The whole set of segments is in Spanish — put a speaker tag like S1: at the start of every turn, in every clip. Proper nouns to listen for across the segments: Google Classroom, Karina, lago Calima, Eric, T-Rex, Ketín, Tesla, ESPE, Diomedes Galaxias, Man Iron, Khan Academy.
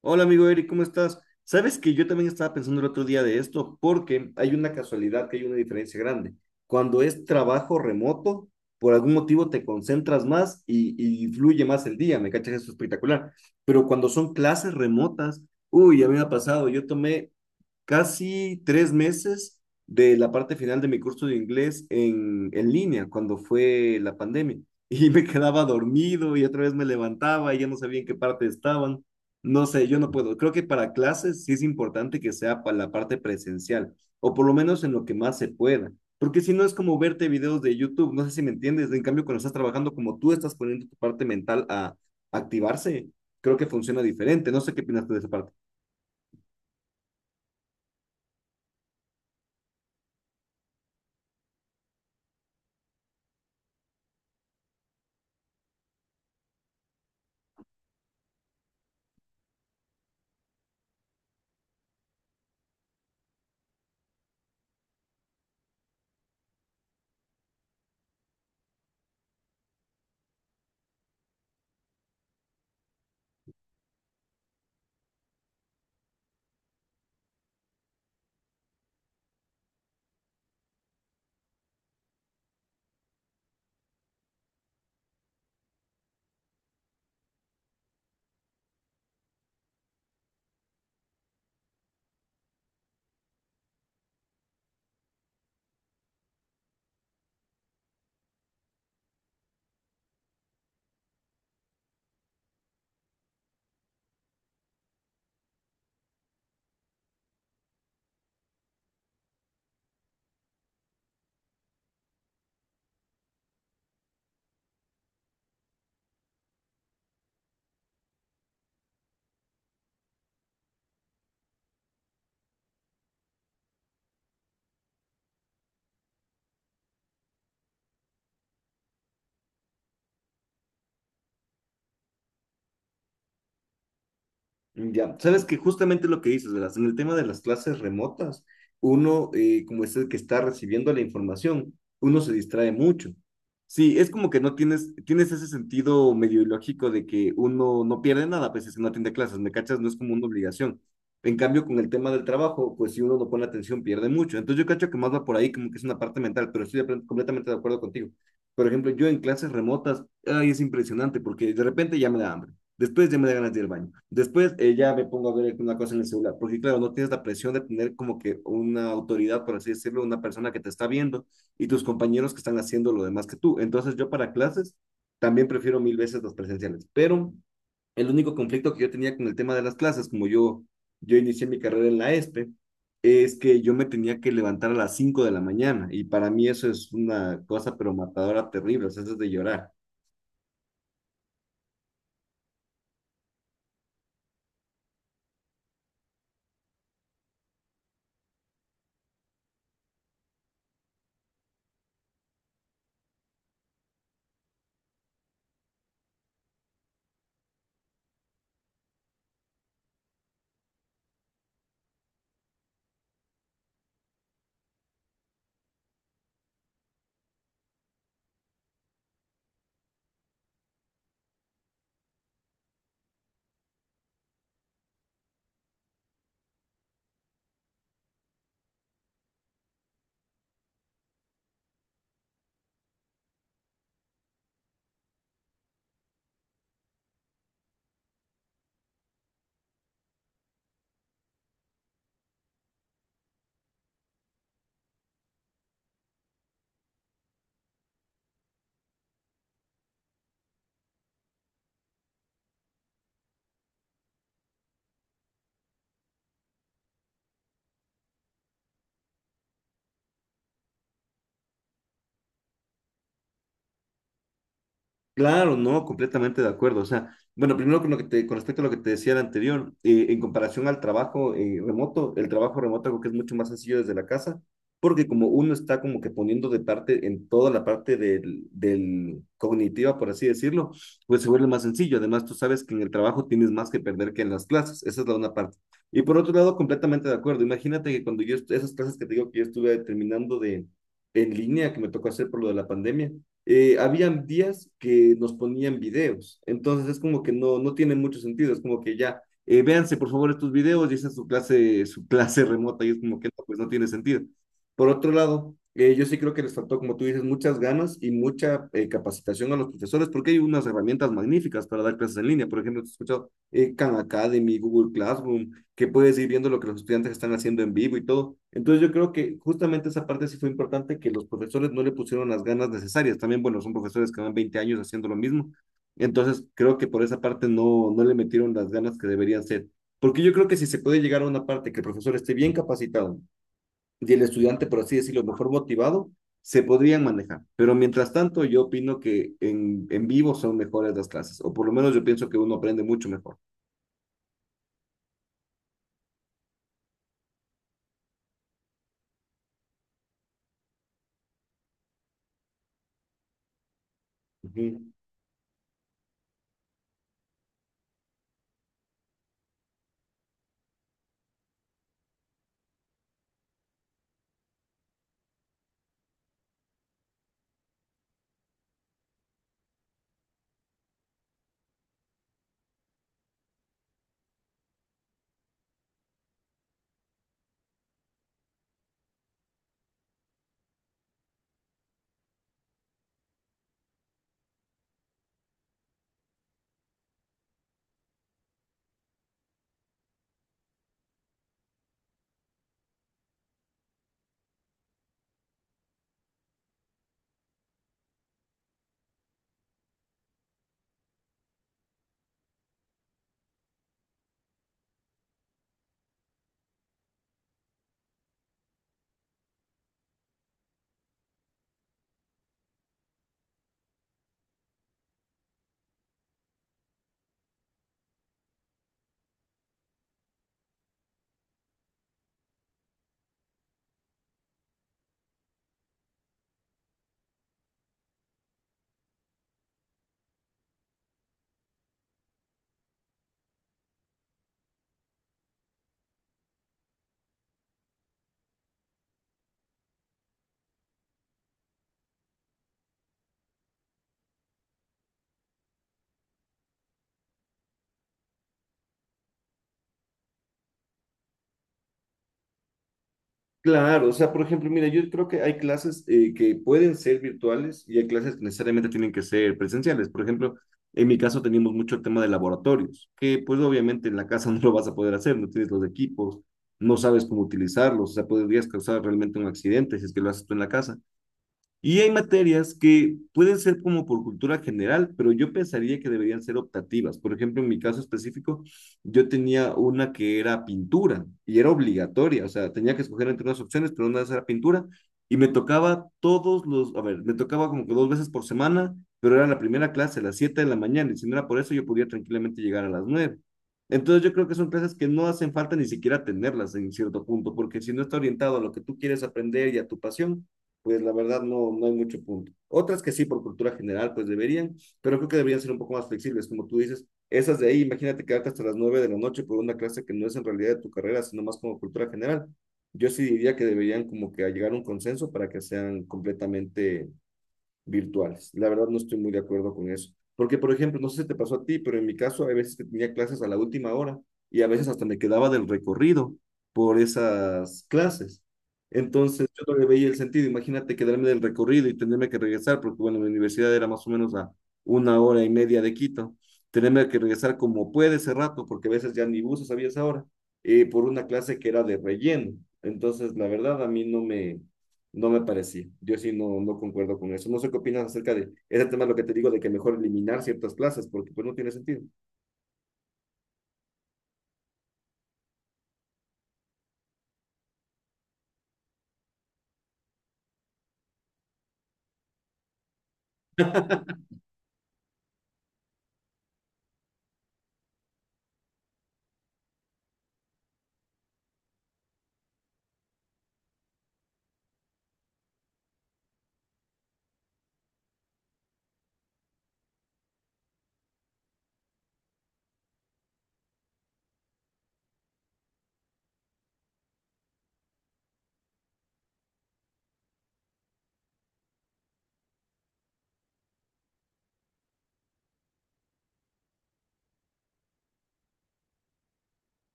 S1: Hola amigo Eric, ¿cómo estás? Sabes que yo también estaba pensando el otro día de esto porque hay una casualidad que hay una diferencia grande. Cuando es trabajo remoto, por algún motivo te concentras más y fluye más el día, ¿me cachas? Eso es espectacular. Pero cuando son clases remotas, uy, a mí me ha pasado, yo tomé casi 3 meses de la parte final de mi curso de inglés en línea, cuando fue la pandemia. Y me quedaba dormido y otra vez me levantaba y ya no sabía en qué parte estaban. No sé, yo no puedo. Creo que para clases sí es importante que sea para la parte presencial, o por lo menos en lo que más se pueda. Porque si no es como verte videos de YouTube, no sé si me entiendes. En cambio, cuando estás trabajando, como tú estás poniendo tu parte mental a activarse, creo que funciona diferente. No sé qué opinas tú de esa parte. Ya, sabes que justamente lo que dices, ¿verdad? En el tema de las clases remotas, uno, como es el que está recibiendo la información, uno se distrae mucho. Sí, es como que no tienes, tienes ese sentido medio ilógico de que uno no pierde nada, pues es si no atiende clases, ¿me cachas? No es como una obligación. En cambio, con el tema del trabajo, pues si uno no pone atención, pierde mucho. Entonces yo cacho que más va por ahí, como que es una parte mental, pero estoy completamente de acuerdo contigo. Por ejemplo, yo en clases remotas, ay, es impresionante porque de repente ya me da hambre. Después ya me da ganas de ir al baño. Después ya me pongo a ver una cosa en el celular, porque claro, no tienes la presión de tener como que una autoridad, por así decirlo, una persona que te está viendo y tus compañeros que están haciendo lo demás que tú. Entonces yo para clases también prefiero mil veces las presenciales, pero el único conflicto que yo tenía con el tema de las clases, yo inicié mi carrera en la ESPE, es que yo me tenía que levantar a las 5 de la mañana y para mí eso es una cosa pero matadora terrible, o sea, eso es de llorar. Claro, no, completamente de acuerdo. O sea, bueno, primero con lo que te, con respecto a lo que te decía el anterior, en comparación al trabajo remoto, el trabajo remoto creo que es mucho más sencillo desde la casa, porque como uno está como que poniendo de parte en toda la parte del cognitiva, por así decirlo, pues se vuelve más sencillo. Además, tú sabes que en el trabajo tienes más que perder que en las clases. Esa es la una parte. Y por otro lado, completamente de acuerdo. Imagínate que cuando esas clases que te digo que yo estuve terminando de en línea, que me tocó hacer por lo de la pandemia habían días que nos ponían videos. Entonces es como que no, no tiene mucho sentido, es como que ya, véanse por favor estos videos y esa es su clase remota y es como que no, pues no tiene sentido. Por otro lado, yo sí creo que les faltó, como tú dices, muchas ganas y mucha capacitación a los profesores, porque hay unas herramientas magníficas para dar clases en línea. Por ejemplo, he escuchado Khan Academy, Google Classroom, que puedes ir viendo lo que los estudiantes están haciendo en vivo y todo. Entonces yo creo que justamente esa parte sí fue importante, que los profesores no le pusieron las ganas necesarias. También, bueno, son profesores que van 20 años haciendo lo mismo. Entonces creo que por esa parte no, no le metieron las ganas que deberían ser. Porque yo creo que si se puede llegar a una parte que el profesor esté bien capacitado y el estudiante, por así decirlo, mejor motivado, se podrían manejar. Pero mientras tanto, yo opino que en vivo son mejores las clases, o por lo menos yo pienso que uno aprende mucho mejor. Uh -huh. Claro, o sea, por ejemplo, mira, yo creo que hay clases que pueden ser virtuales y hay clases que necesariamente tienen que ser presenciales. Por ejemplo, en mi caso teníamos mucho el tema de laboratorios, que pues obviamente en la casa no lo vas a poder hacer, no tienes los equipos, no sabes cómo utilizarlos, o sea, podrías causar realmente un accidente si es que lo haces tú en la casa. Y hay materias que pueden ser como por cultura general, pero yo pensaría que deberían ser optativas. Por ejemplo, en mi caso específico, yo tenía una que era pintura y era obligatoria, o sea, tenía que escoger entre unas opciones, pero una de esas era pintura y me tocaba todos los, a ver, me tocaba como que dos veces por semana, pero era la primera clase, a las 7 de la mañana, y si no era por eso, yo podía tranquilamente llegar a las nueve. Entonces yo creo que son clases que no hacen falta ni siquiera tenerlas en cierto punto, porque si no está orientado a lo que tú quieres aprender y a tu pasión, pues la verdad no, no hay mucho punto. Otras que sí, por cultura general, pues deberían, pero creo que deberían ser un poco más flexibles, como tú dices. Esas de ahí, imagínate quedarte hasta las 9 de la noche por una clase que no es en realidad de tu carrera, sino más como cultura general. Yo sí diría que deberían como que llegar a un consenso para que sean completamente virtuales. La verdad no estoy muy de acuerdo con eso. Porque, por ejemplo, no sé si te pasó a ti, pero en mi caso hay veces que tenía clases a la última hora y a veces hasta me quedaba del recorrido por esas clases. Entonces yo no le veía el sentido. Imagínate quedarme del recorrido y tenerme que regresar, porque bueno, mi universidad era más o menos a una hora y media de Quito. Tenerme que regresar como puede ese rato, porque a veces ya ni buses había esa hora, por una clase que era de relleno. Entonces, la verdad, a mí no me, no me parecía. Yo sí no, no concuerdo con eso. No sé qué opinas acerca de ese tema, lo que te digo, de que mejor eliminar ciertas plazas, porque pues no tiene sentido.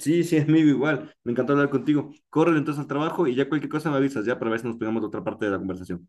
S1: Sí, sí, amigo, igual. Me encantó hablar contigo. Corre entonces al trabajo y ya cualquier cosa me avisas, ya para ver si nos pegamos de otra parte de la conversación.